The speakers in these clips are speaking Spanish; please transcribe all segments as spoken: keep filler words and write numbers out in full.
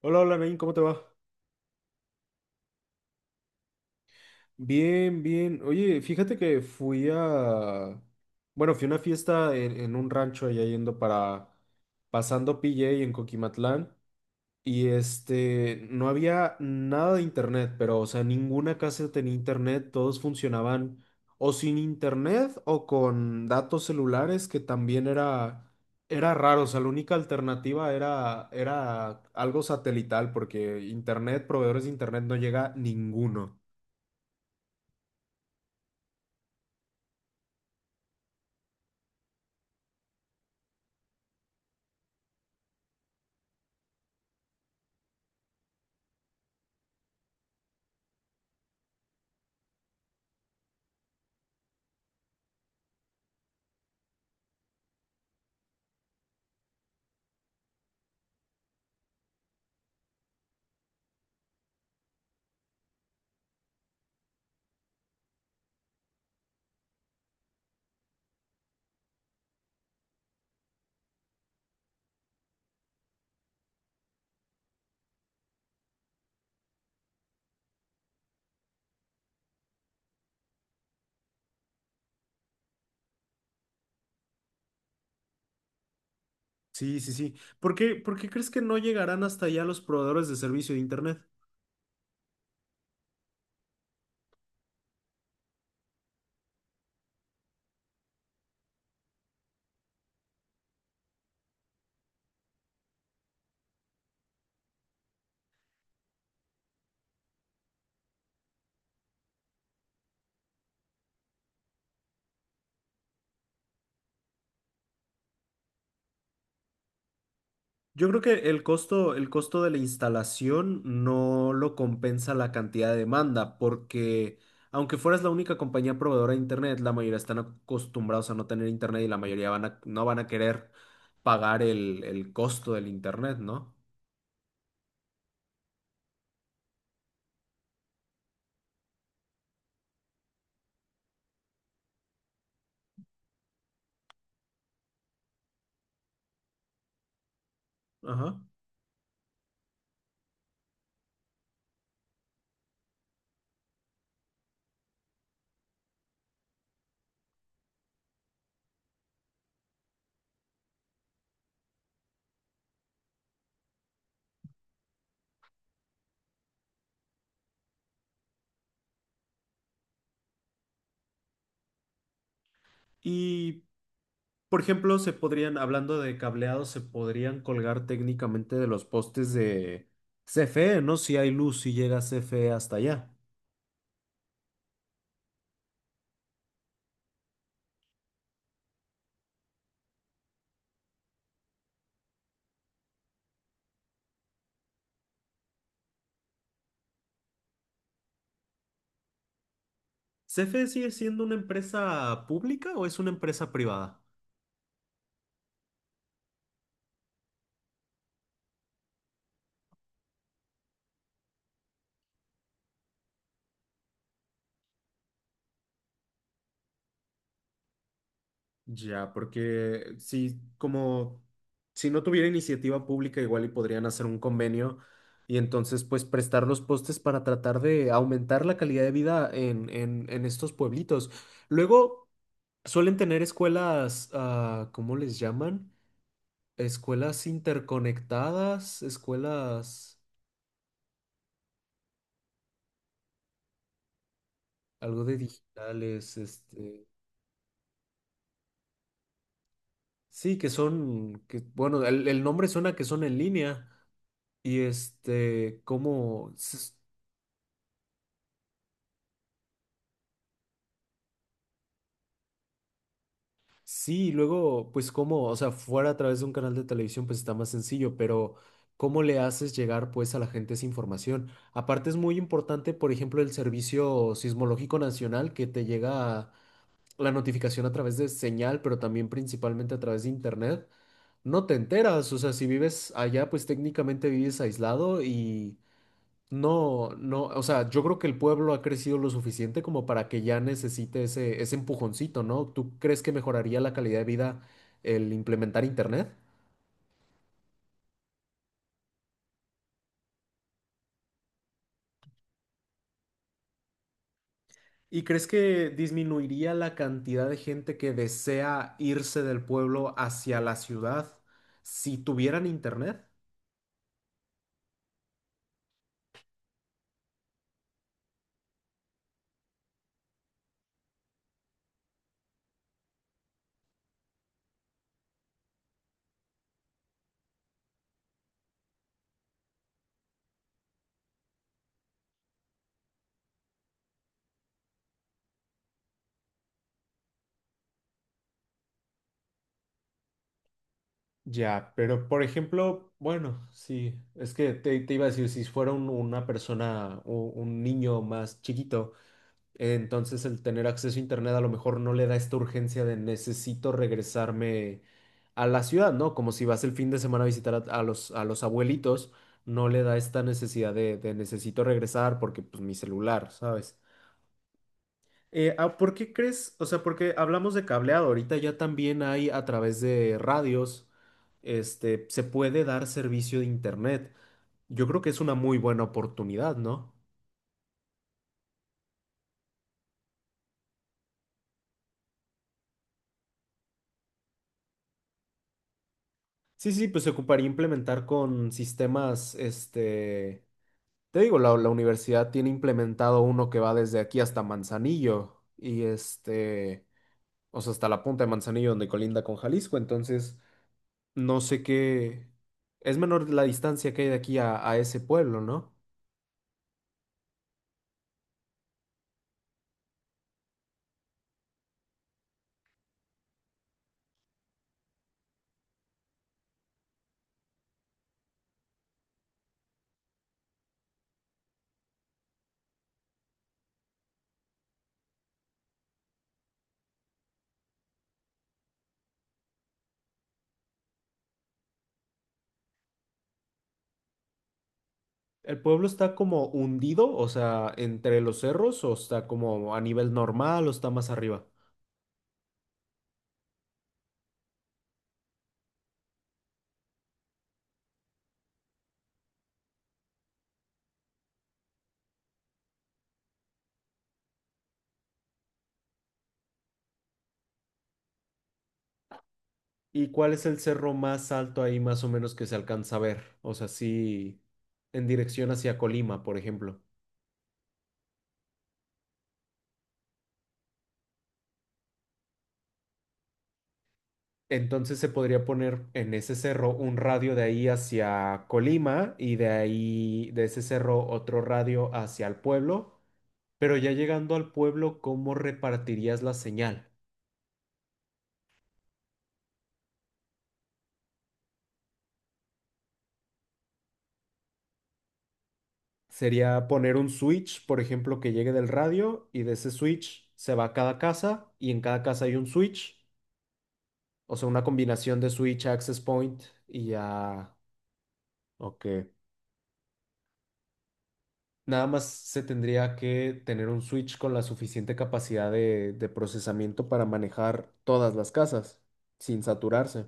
Hola, hola, Nain, ¿cómo te va? Bien, bien. Oye, fíjate que fui a... bueno, fui a una fiesta en, en un rancho allá yendo para... Pasando P J en Coquimatlán. Y este, no había nada de internet, pero, o sea, ninguna casa tenía internet, todos funcionaban o sin internet o con datos celulares, que también era, era raro, o sea, la única alternativa era, era algo satelital, porque internet, proveedores de internet no llega ninguno. Sí, sí, sí. ¿Por qué, por qué crees que no llegarán hasta allá los proveedores de servicio de internet? Yo creo que el costo, el costo de la instalación no lo compensa la cantidad de demanda, porque aunque fueras la única compañía proveedora de internet, la mayoría están acostumbrados a no tener internet y la mayoría van a- no van a querer pagar el, el costo del internet, ¿no? Ajá. Y, por ejemplo, se podrían, hablando de cableado, se podrían colgar técnicamente de los postes de C F E, ¿no? Si hay luz, si llega C F E hasta allá. ¿C F E sigue siendo una empresa pública o es una empresa privada? Ya, porque si como si no tuviera iniciativa pública, igual y podrían hacer un convenio y entonces pues prestar los postes para tratar de aumentar la calidad de vida en, en, en estos pueblitos. Luego suelen tener escuelas, ah, ¿cómo les llaman? Escuelas interconectadas, escuelas algo de digitales, este. Sí, que son, que, bueno, el, el nombre suena que son en línea y este, como, s- sí, y luego, pues como, o sea, fuera a través de un canal de televisión, pues está más sencillo, pero ¿cómo le haces llegar pues a la gente esa información? Aparte es muy importante, por ejemplo, el Servicio Sismológico Nacional que te llega la notificación a través de señal, pero también principalmente a través de internet. No te enteras, o sea, si vives allá, pues técnicamente vives aislado. No, no, o sea, yo creo que el pueblo ha crecido lo suficiente como para que ya necesite ese, ese empujoncito, ¿no? ¿Tú crees que mejoraría la calidad de vida el implementar internet? ¿Y crees que disminuiría la cantidad de gente que desea irse del pueblo hacia la ciudad si tuvieran internet? Ya, pero por ejemplo, bueno, sí, es que te, te iba a decir, si fuera un- una persona, o un niño más chiquito. Entonces el tener acceso a internet a lo mejor no le da esta urgencia de necesito regresarme a la ciudad, ¿no? Como si vas el fin de semana a visitar a, a los, a los abuelitos, no le da esta necesidad de, de necesito regresar porque pues mi celular, ¿sabes? Eh, ah, ¿por qué crees? O sea, porque hablamos de cableado, ahorita ya también hay a través de radios, este, se puede dar servicio de internet. Yo creo que es una muy buena oportunidad, ¿no? Sí, sí, pues se ocuparía implementar con sistemas, este, te digo, la, la universidad tiene implementado uno que va desde aquí hasta Manzanillo y este, o sea, hasta la punta de Manzanillo donde colinda con Jalisco, entonces no sé qué, es menor la distancia que hay de aquí a, a ese pueblo, ¿no? ¿El pueblo está como hundido, o sea, entre los cerros o está como a nivel normal o está más arriba? ¿Y cuál es el cerro más alto ahí más o menos que se alcanza a ver? O sea, sí, en dirección hacia Colima, por ejemplo. Entonces se podría poner en ese cerro un radio de ahí hacia Colima y de ahí, de ese cerro, otro radio hacia el pueblo. Pero ya llegando al pueblo, ¿cómo repartirías la señal? Sería poner un switch, por ejemplo, que llegue del radio y de ese switch se va a cada casa y en cada casa hay un switch. O sea, una combinación de switch, access point y ya. Ok. Nada más se tendría que tener un switch con la suficiente capacidad de, de procesamiento para manejar todas las casas sin saturarse.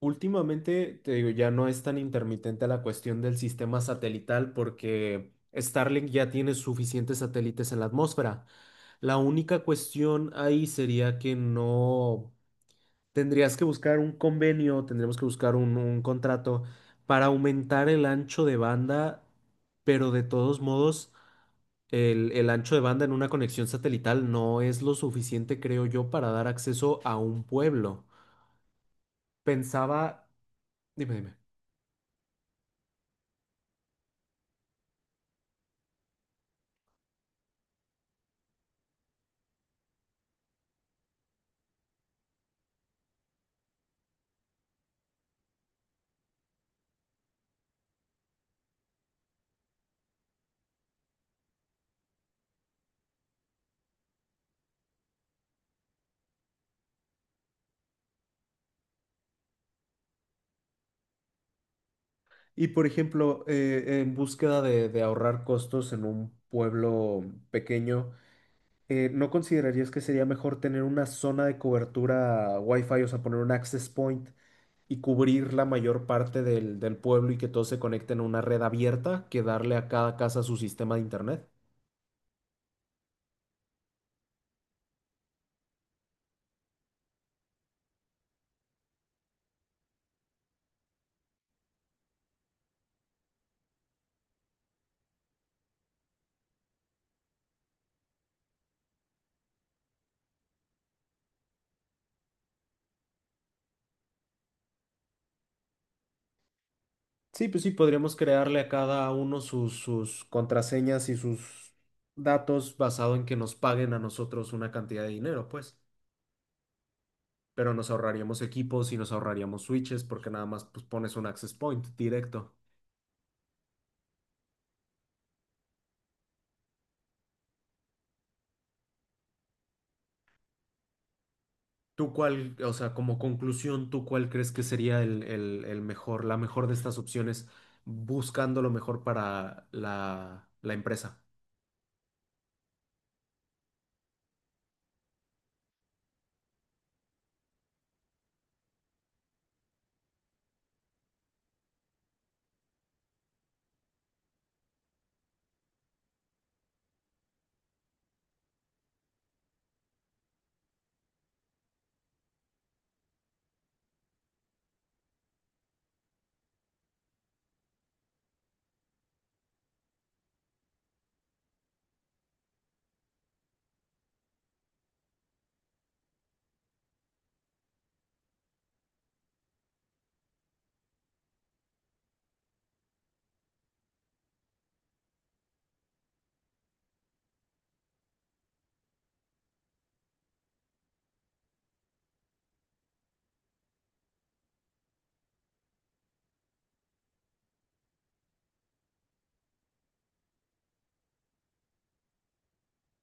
Últimamente, te digo, ya no es tan intermitente la cuestión del sistema satelital porque Starlink ya tiene suficientes satélites en la atmósfera. La única cuestión ahí sería que no. Tendrías que buscar un convenio, tendremos que buscar un, un contrato para aumentar el ancho de banda, pero de todos modos, el, el ancho de banda en una conexión satelital no es lo suficiente, creo yo, para dar acceso a un pueblo. Pensaba, dime, dime. Y por ejemplo, eh, en búsqueda de, de ahorrar costos en un pueblo pequeño, eh, ¿no considerarías que sería mejor tener una zona de cobertura Wi-Fi, o sea, poner un access point? Y cubrir la mayor parte del, del pueblo y que todos se conecten a una red abierta que darle a cada casa su sistema de internet. Sí, pues sí, podríamos crearle a cada uno sus, sus contraseñas y sus datos basado en que nos paguen a nosotros una cantidad de dinero, pues. Pero nos ahorraríamos equipos y nos ahorraríamos switches porque nada más pues, pones un access point directo. ¿Tú cuál, o sea, como conclusión, tú cuál crees que sería el, el- el mejor, la mejor de estas opciones, buscando lo mejor para la, la empresa?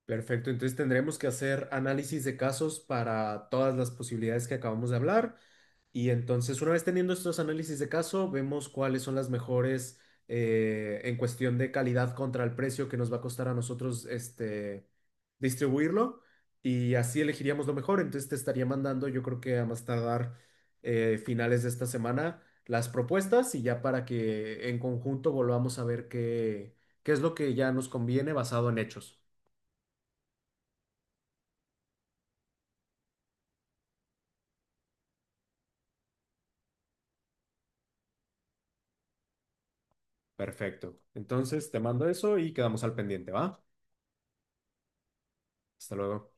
Perfecto, entonces tendremos que hacer análisis de casos para todas las posibilidades que acabamos de hablar. Y entonces, una vez teniendo estos análisis de caso, vemos cuáles son las mejores eh, en cuestión de calidad contra el precio que nos va a costar a nosotros este, distribuirlo y así elegiríamos lo mejor. Entonces, te estaría mandando, yo creo que a más tardar eh, finales de esta semana, las propuestas y ya para que en conjunto volvamos a ver qué, qué es lo que ya nos conviene basado en hechos. Perfecto. Entonces, te mando eso y quedamos al pendiente, ¿va? Hasta luego.